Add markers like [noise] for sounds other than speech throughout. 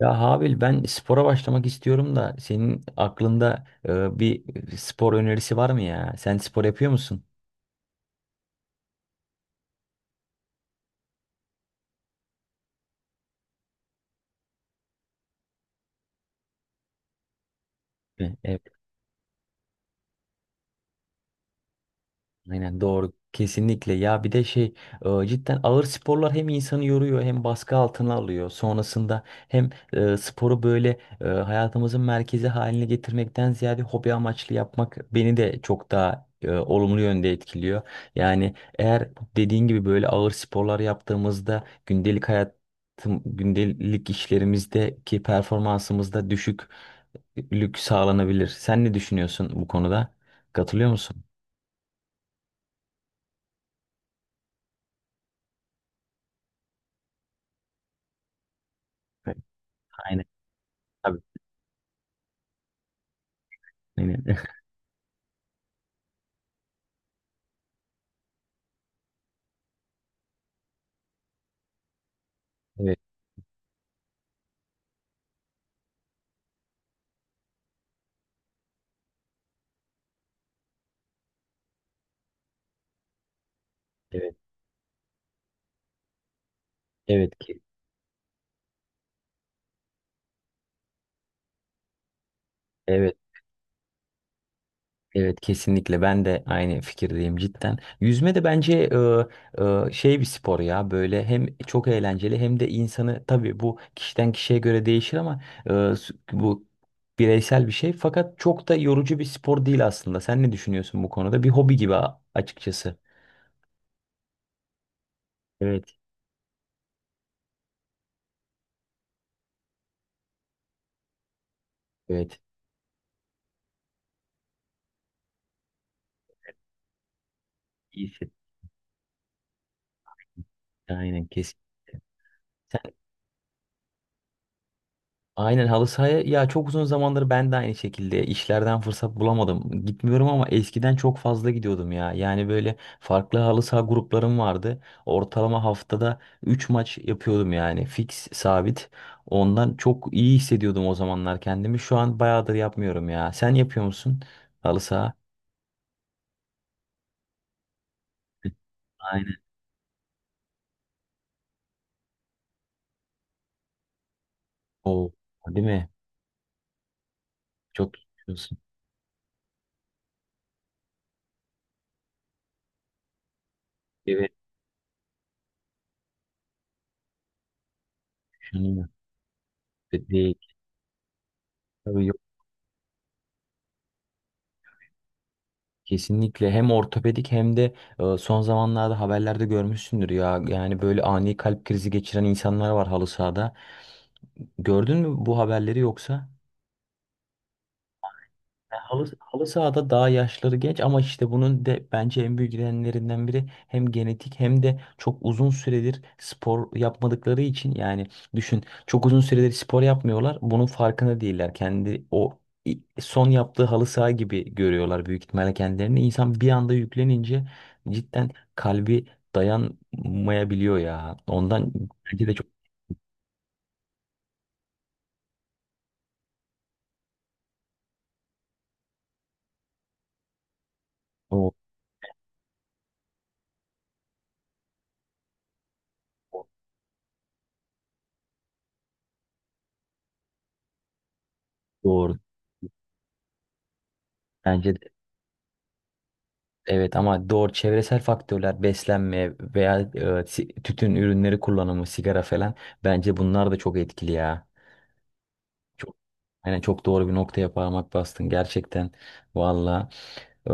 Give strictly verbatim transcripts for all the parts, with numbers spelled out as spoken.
Ya Habil, ben spora başlamak istiyorum da senin aklında e, bir spor önerisi var mı ya? Sen spor yapıyor musun? Evet. Aynen doğru. Kesinlikle ya, bir de şey e, cidden ağır sporlar hem insanı yoruyor hem baskı altına alıyor. Sonrasında hem e, sporu böyle e, hayatımızın merkezi haline getirmekten ziyade hobi amaçlı yapmak beni de çok daha e, olumlu yönde etkiliyor. Yani eğer dediğin gibi böyle ağır sporlar yaptığımızda gündelik hayat gündelik işlerimizdeki performansımızda düşüklük sağlanabilir. Sen ne düşünüyorsun bu konuda? Katılıyor musun? Evet. Aynen. Tabii. Aynen. [laughs] Evet, evet, evet ki, evet, evet, kesinlikle ben de aynı fikirdeyim cidden. Yüzme de bence e, e, şey bir spor ya, böyle hem çok eğlenceli hem de insanı, tabii bu kişiden kişiye göre değişir ama e, s- bu bireysel bir şey, fakat çok da yorucu bir spor değil aslında. Sen ne düşünüyorsun bu konuda? Bir hobi gibi a- açıkçası. Evet, evet. İyi. Aynen kesin. Aynen, halı sahaya ya çok uzun zamandır ben de aynı şekilde işlerden fırsat bulamadım. Gitmiyorum ama eskiden çok fazla gidiyordum ya. Yani böyle farklı halı saha gruplarım vardı. Ortalama haftada üç maç yapıyordum yani fix sabit. Ondan çok iyi hissediyordum o zamanlar kendimi. Şu an bayağıdır yapmıyorum ya. Sen yapıyor musun halı saha? Aynen. O değil mi? Çok yapıyorsun. Evet, düşünüyorum. Değil. Tabii. Kesinlikle hem ortopedik hem de e, son zamanlarda haberlerde görmüşsündür ya, yani böyle ani kalp krizi geçiren insanlar var halı sahada. Gördün mü bu haberleri yoksa? Ya Halı, halı sahada daha yaşları genç ama işte bunun de bence en büyük nedenlerinden biri hem genetik hem de çok uzun süredir spor yapmadıkları için. Yani düşün, çok uzun süredir spor yapmıyorlar, bunun farkına değiller kendi. O i- son yaptığı halı saha gibi görüyorlar büyük ihtimalle kendilerini, insan bir anda yüklenince cidden kalbi dayanmayabiliyor ya ondan. Bence de çok doğru, doğru. Bence de evet, ama doğru, çevresel faktörler, beslenme veya e, si- tütün ürünleri kullanımı, sigara falan, bence bunlar da çok etkili ya. Çok, yani çok doğru bir noktaya parmak bastın gerçekten valla. E,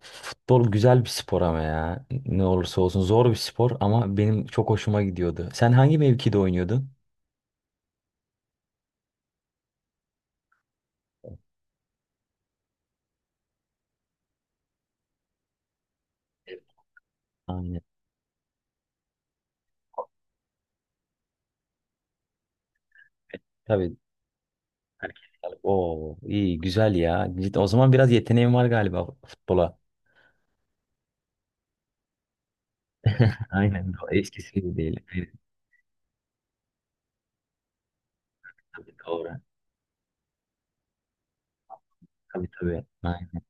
Futbol güzel bir spor ama ya ne olursa olsun zor bir spor, ama benim çok hoşuma gidiyordu. Sen hangi mevkide oynuyordun? Evet. Aynen. Tabii. Herkes. Oo, iyi, güzel ya. Cidden, o zaman biraz yeteneğin var galiba futbola. [laughs] Aynen. Eskisi gibi değil. Tabii doğru. Tabii tabii. Aynen.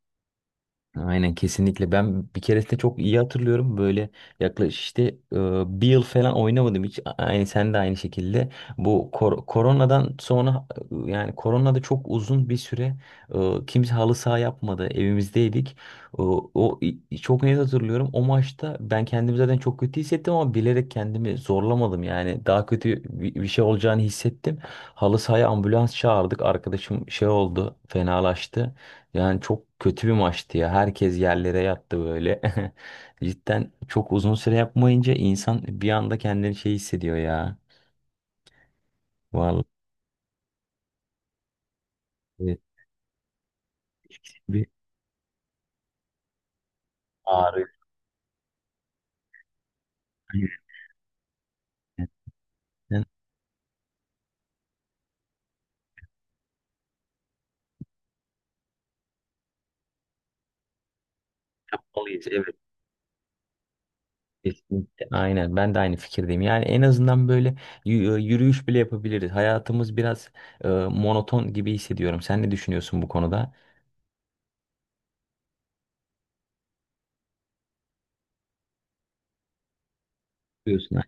Aynen kesinlikle. Ben bir keresinde çok iyi hatırlıyorum. Böyle yaklaşık işte e, bir yıl falan oynamadım hiç. A- Aynı, sen de aynı şekilde. Bu kor- koronadan sonra, e, yani koronada çok uzun bir süre e, kimse halı saha yapmadı. Evimizdeydik. O, o i- çok net hatırlıyorum. O maçta ben kendimi zaten çok kötü hissettim ama bilerek kendimi zorlamadım. Yani daha kötü bir, bir şey olacağını hissettim. Halı sahaya ambulans çağırdık. Arkadaşım şey oldu, fenalaştı. Yani çok kötü bir maçtı ya. Herkes yerlere yattı böyle. [laughs] Cidden çok uzun süre yapmayınca insan bir anda kendini şey hissediyor ya. Vallahi evet, bir ağrı. Aynen. Yapmalıyız. Evet. Kesinlikle. Aynen. Ben de aynı fikirdeyim. Yani en azından böyle yü- e, yürüyüş bile yapabiliriz. Hayatımız biraz e, monoton gibi hissediyorum. Sen ne düşünüyorsun bu konuda? Diyorsun.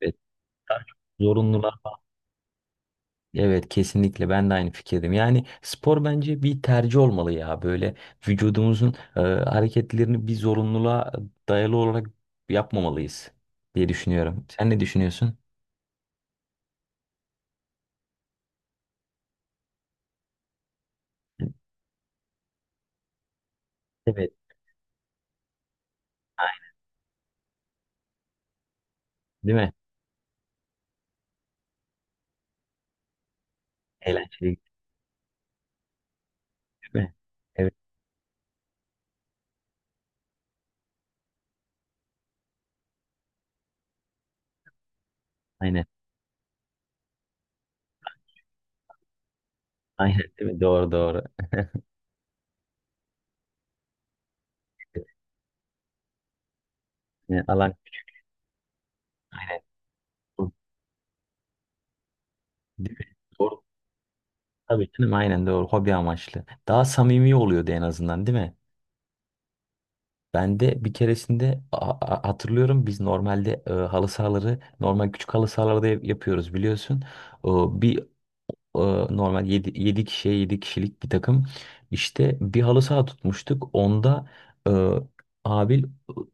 Evet. Daha çok zorunlular. Evet kesinlikle ben de aynı fikirdim. Yani spor bence bir tercih olmalı ya. Böyle vücudumuzun e, hareketlerini bir zorunluluğa dayalı olarak yapmamalıyız diye düşünüyorum. Sen ne düşünüyorsun? Evet, aynen, değil mi? Eğlenceli değil mi? Evet, aynen. Aynen değil mi? Doğru doğru. [laughs] Yani alan aynen. Doğru. Değil mi? Doğru. Tabii canım, aynen doğru. Hobi amaçlı. Daha samimi oluyordu en azından değil mi? Ben de bir keresinde a- a- hatırlıyorum, biz normalde e, halı sahaları, normal küçük halı sahalarda yap- yapıyoruz biliyorsun. O, bir e, normal yedi 7 kişiye, yedi kişilik bir takım. İşte bir halı saha tutmuştuk. Onda e, abil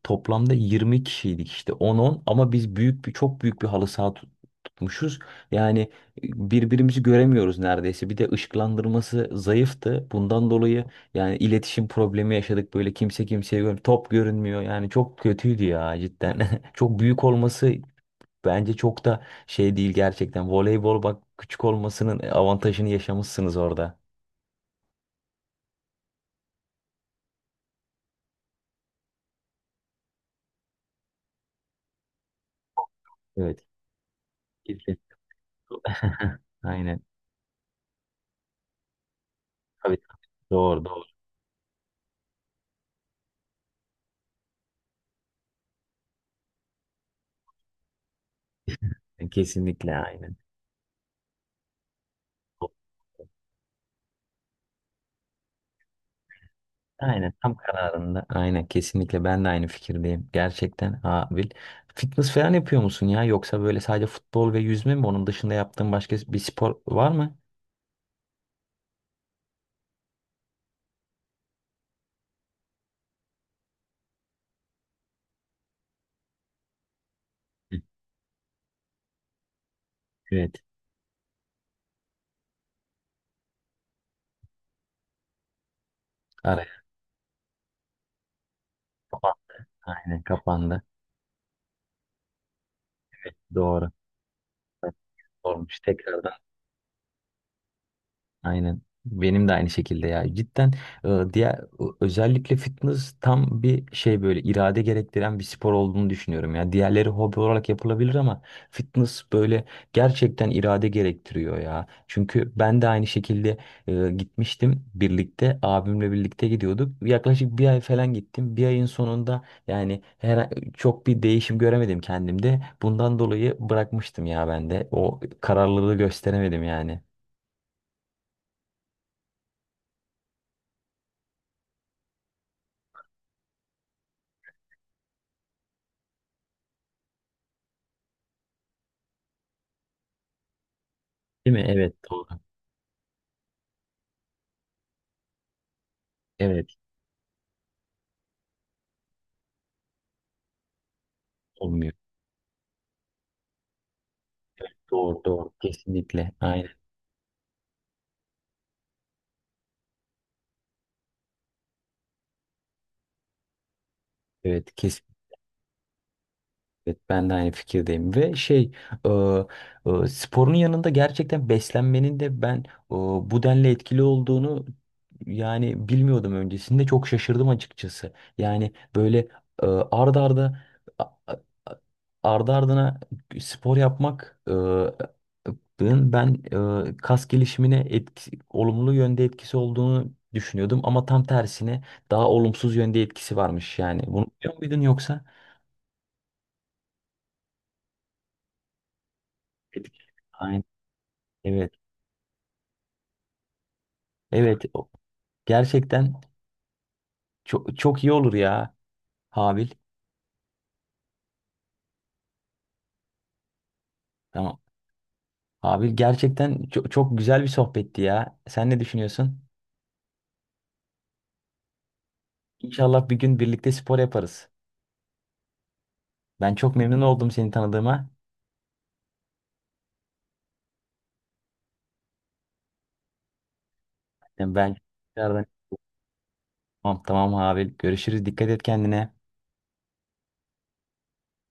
toplamda yirmi kişiydik işte on-on, ama biz büyük bir, çok büyük bir halı saha tut- tutmuşuz. Yani e, birbirimizi göremiyoruz neredeyse. Bir de ışıklandırması zayıftı. Bundan dolayı yani iletişim problemi yaşadık. Böyle kimse kimseye gör top görünmüyor. Yani çok kötüydü ya cidden. [laughs] Çok büyük olması. Bence çok da şey değil gerçekten. Voleybol bak, küçük olmasının e, avantajını yaşamışsınız orada. Evet. Kesin. [laughs] Aynen. Tabii. Doğru doğru. E, Kesinlikle aynen. Aynen tam kararında. Aynen kesinlikle ben de aynı fikirdeyim. Gerçekten Abil. Fitness falan yapıyor musun ya? Yoksa böyle sadece futbol ve yüzme mi? Onun dışında yaptığın başka bir spor var mı? Evet. Araya. Kapan-. Aynen kapandı. Doğru. Sormuş tekrardan. Aynen. Benim de aynı şekilde ya. Cidden e, diğer, ö- özellikle fitness tam bir şey, böyle irade gerektiren bir spor olduğunu düşünüyorum ya. Diğerleri hobi olarak yapılabilir ama fitness böyle gerçekten irade gerektiriyor ya. Çünkü ben de aynı şekilde e, gitmiştim, birlikte abimle birlikte gidiyorduk. Yaklaşık bir ay falan gittim. Bir ayın sonunda yani her, çok bir değişim göremedim kendimde. Bundan dolayı bırakmıştım ya ben de. O kararlılığı gösteremedim yani. Değil mi? Evet, doğru. Evet, olmuyor. Doğru doğru kesinlikle. Aynen. Evet kesin. Evet, ben de aynı fikirdeyim ve şey e, e, sporun yanında gerçekten beslenmenin de ben e, bu denli etkili olduğunu yani bilmiyordum öncesinde, çok şaşırdım açıkçası. Yani böyle e, ard arda, a- a- ardı ardına spor yapmak, e, ben ben, e, kas gelişimine etki, olumlu yönde etkisi olduğunu düşünüyordum ama tam tersine daha olumsuz yönde etkisi varmış yani. Bunu biliyor muydun yoksa? Etki. Evet. Evet. o- Gerçekten çok, çok iyi olur ya Habil. Tamam. Habil gerçekten çok, çok güzel bir sohbetti ya. Sen ne düşünüyorsun? İnşallah bir gün birlikte spor yaparız. Ben çok memnun oldum seni tanıdığıma. Yani ben tekrardan, tamam tamam Habil. Görüşürüz. Dikkat et kendine.